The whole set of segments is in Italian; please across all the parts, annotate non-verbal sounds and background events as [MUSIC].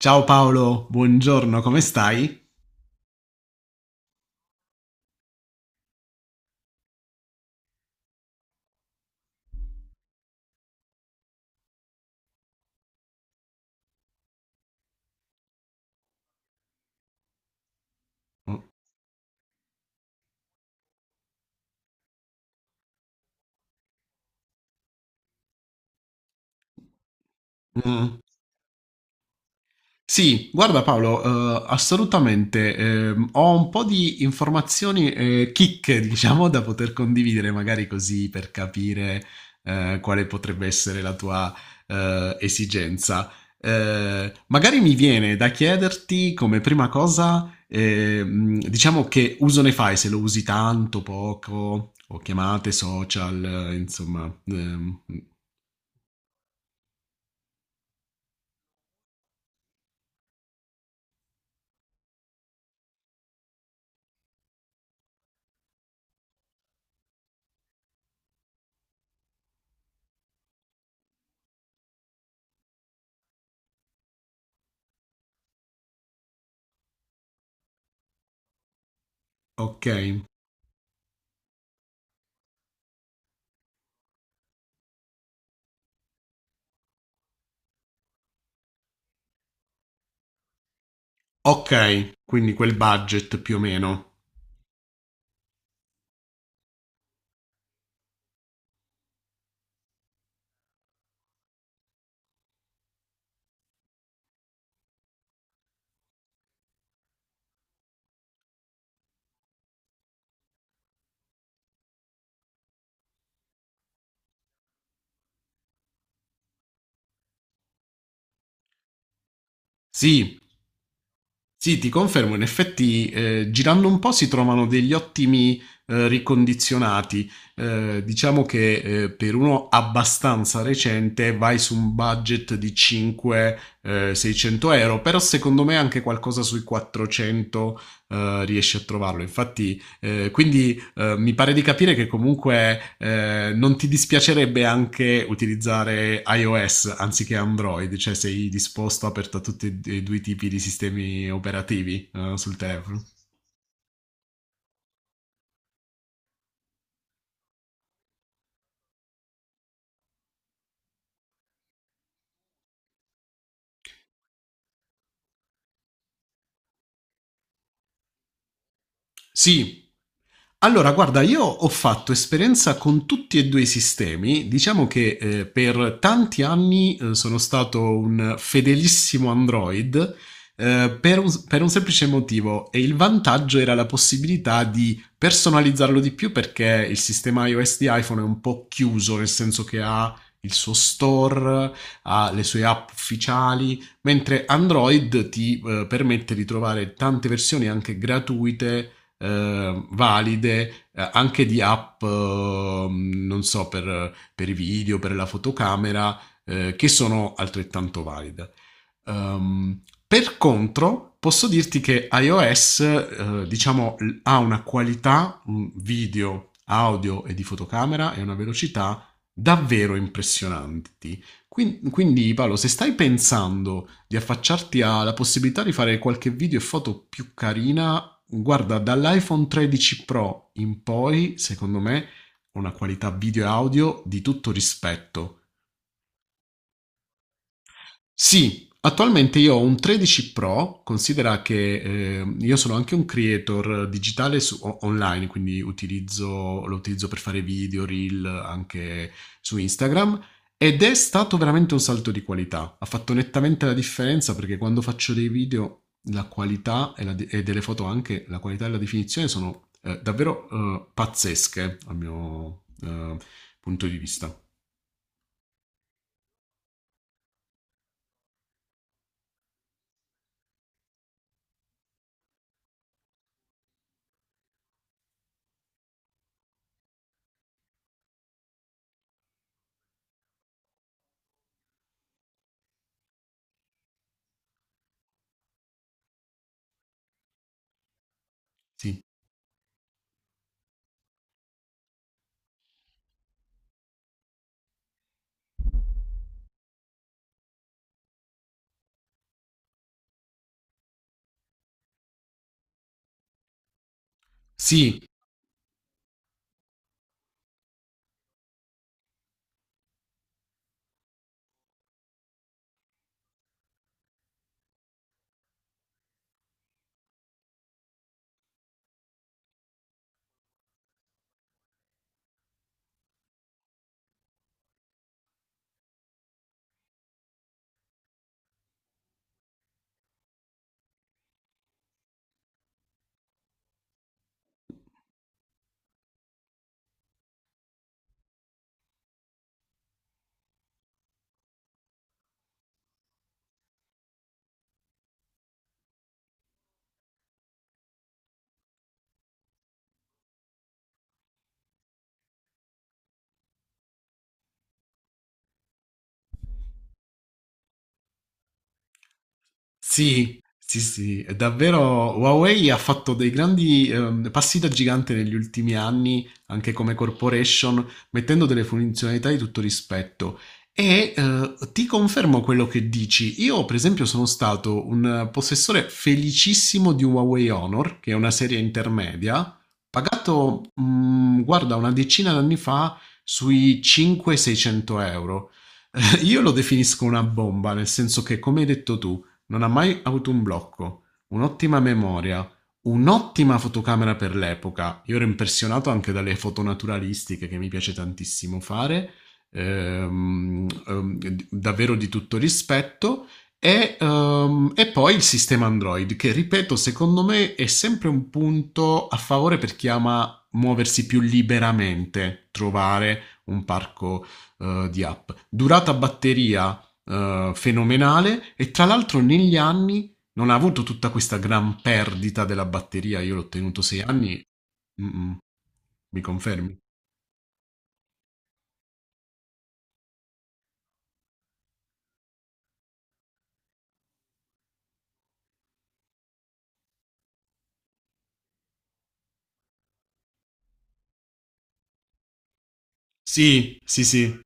Ciao Paolo, buongiorno, come stai? Mm. Mm. Sì, guarda Paolo, assolutamente. Ho un po' di informazioni, chicche, diciamo, da poter condividere, magari così per capire quale potrebbe essere la tua esigenza. Magari mi viene da chiederti come prima cosa, diciamo che uso ne fai, se lo usi tanto, poco, o chiamate social, insomma. Ok, ok, quindi quel budget più o meno. Sì. Sì, ti confermo, in effetti girando un po' si trovano degli ottimi ricondizionati. Diciamo che per uno abbastanza recente vai su un budget di 5-600 euro, però secondo me anche qualcosa sui 400 riesci a trovarlo. Infatti, quindi mi pare di capire che comunque non ti dispiacerebbe anche utilizzare iOS anziché Android, cioè sei disposto, aperto a tutti e due i tipi di sistemi operativi sul telefono. Sì. Allora, guarda, io ho fatto esperienza con tutti e due i sistemi. Diciamo che per tanti anni sono stato un fedelissimo Android per un semplice motivo, e il vantaggio era la possibilità di personalizzarlo di più perché il sistema iOS di iPhone è un po' chiuso, nel senso che ha il suo store, ha le sue app ufficiali, mentre Android ti permette di trovare tante versioni anche gratuite, valide, anche di app, non so, per i video, per la fotocamera, che sono altrettanto valide. Per contro, posso dirti che iOS, diciamo, ha una qualità, un video, audio e di fotocamera, e una velocità davvero impressionanti. Quindi Paolo, se stai pensando di affacciarti alla possibilità di fare qualche video e foto più carina, guarda, dall'iPhone 13 Pro in poi, secondo me, una qualità video e audio di tutto rispetto. Sì, attualmente io ho un 13 Pro, considera che io sono anche un creator digitale online, quindi lo utilizzo per fare video, reel, anche su Instagram, ed è stato veramente un salto di qualità. Ha fatto nettamente la differenza perché quando faccio dei video la qualità e delle foto anche, la qualità e la definizione sono davvero pazzesche, a mio punto di vista. Sì. Sì, sì, sì, sì, è davvero, Huawei ha fatto dei grandi passi da gigante negli ultimi anni, anche come corporation, mettendo delle funzionalità di tutto rispetto. E ti confermo quello che dici. Io, per esempio, sono stato un possessore felicissimo di un Huawei Honor, che è una serie intermedia, pagato, guarda, una decina d'anni fa sui 5-600 euro. [LAUGHS] Io lo definisco una bomba, nel senso che, come hai detto tu, non ha mai avuto un blocco, un'ottima memoria, un'ottima fotocamera per l'epoca. Io ero impressionato anche dalle foto naturalistiche che mi piace tantissimo fare, davvero di tutto rispetto. E poi il sistema Android, che ripeto, secondo me è sempre un punto a favore per chi ama muoversi più liberamente, trovare un parco di app. Durata batteria fenomenale, e tra l'altro negli anni non ha avuto tutta questa gran perdita della batteria. Io l'ho tenuto sei anni. Mm, mm, mi confermi? Sì, sì, sì,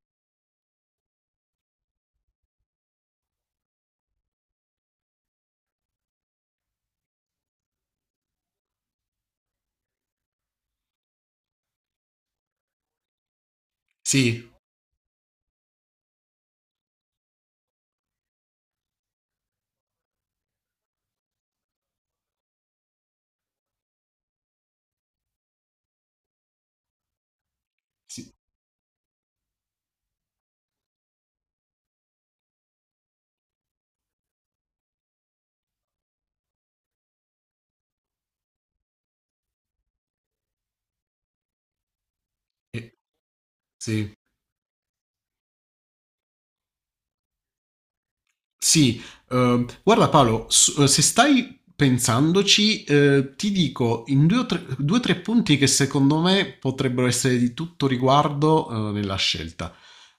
sì, sì, eh, sì. Sì, guarda Paolo, se stai pensandoci, ti dico in due o tre punti che secondo me potrebbero essere di tutto riguardo, nella scelta.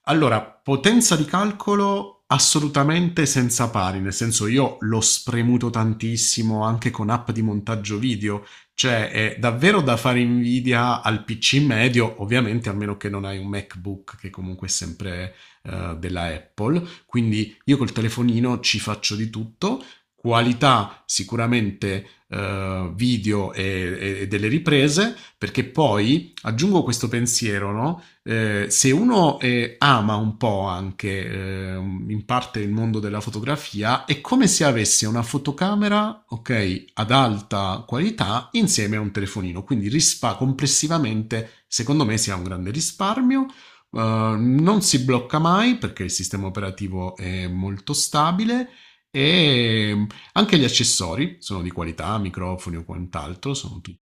Allora, potenza di calcolo assolutamente senza pari, nel senso io l'ho spremuto tantissimo anche con app di montaggio video, cioè è davvero da fare invidia al PC medio, ovviamente a meno che non hai un MacBook che comunque è sempre della Apple, quindi io col telefonino ci faccio di tutto, qualità sicuramente video e delle riprese, perché poi aggiungo questo pensiero, no? Se uno ama un po' anche in parte il mondo della fotografia, è come se avesse una fotocamera, ok, ad alta qualità insieme a un telefonino. Quindi rispa complessivamente, secondo me, sia un grande risparmio. Non si blocca mai perché il sistema operativo è molto stabile e, anche gli accessori sono di qualità, microfoni o quant'altro, sono tutti.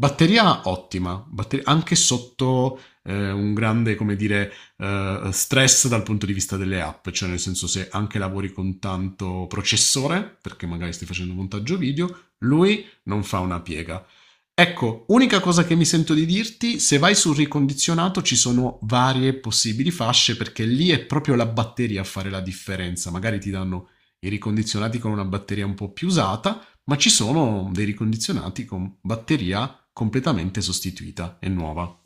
Batteria ottima, anche sotto un grande, come dire, stress dal punto di vista delle app, cioè nel senso se anche lavori con tanto processore, perché magari stai facendo un montaggio video, lui non fa una piega. Ecco, unica cosa che mi sento di dirti, se vai sul ricondizionato ci sono varie possibili fasce perché lì è proprio la batteria a fare la differenza, magari ti danno i ricondizionati con una batteria un po' più usata, ma ci sono dei ricondizionati con batteria completamente sostituita e nuova.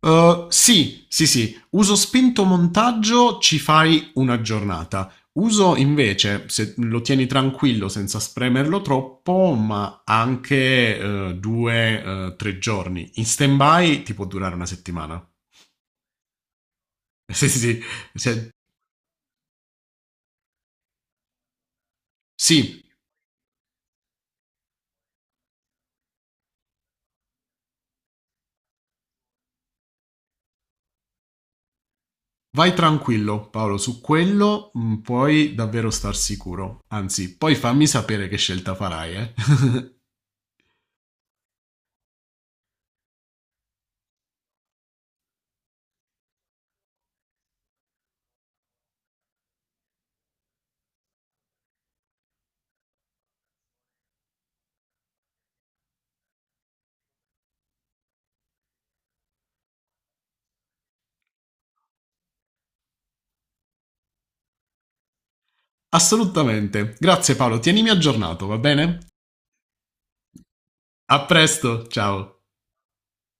Sì, sì, sì, uso spinto, montaggio, ci fai una giornata. Uso invece, se lo tieni tranquillo senza spremerlo troppo, ma anche due, tre giorni. In stand-by ti può durare una settimana. [LAUGHS] Sì, sì, sì. Se- sì, vai tranquillo, Paolo, su quello puoi davvero star sicuro. Anzi, poi fammi sapere che scelta farai, eh. [LAUGHS] Assolutamente. Grazie Paolo, tienimi aggiornato, va bene? A presto, ciao.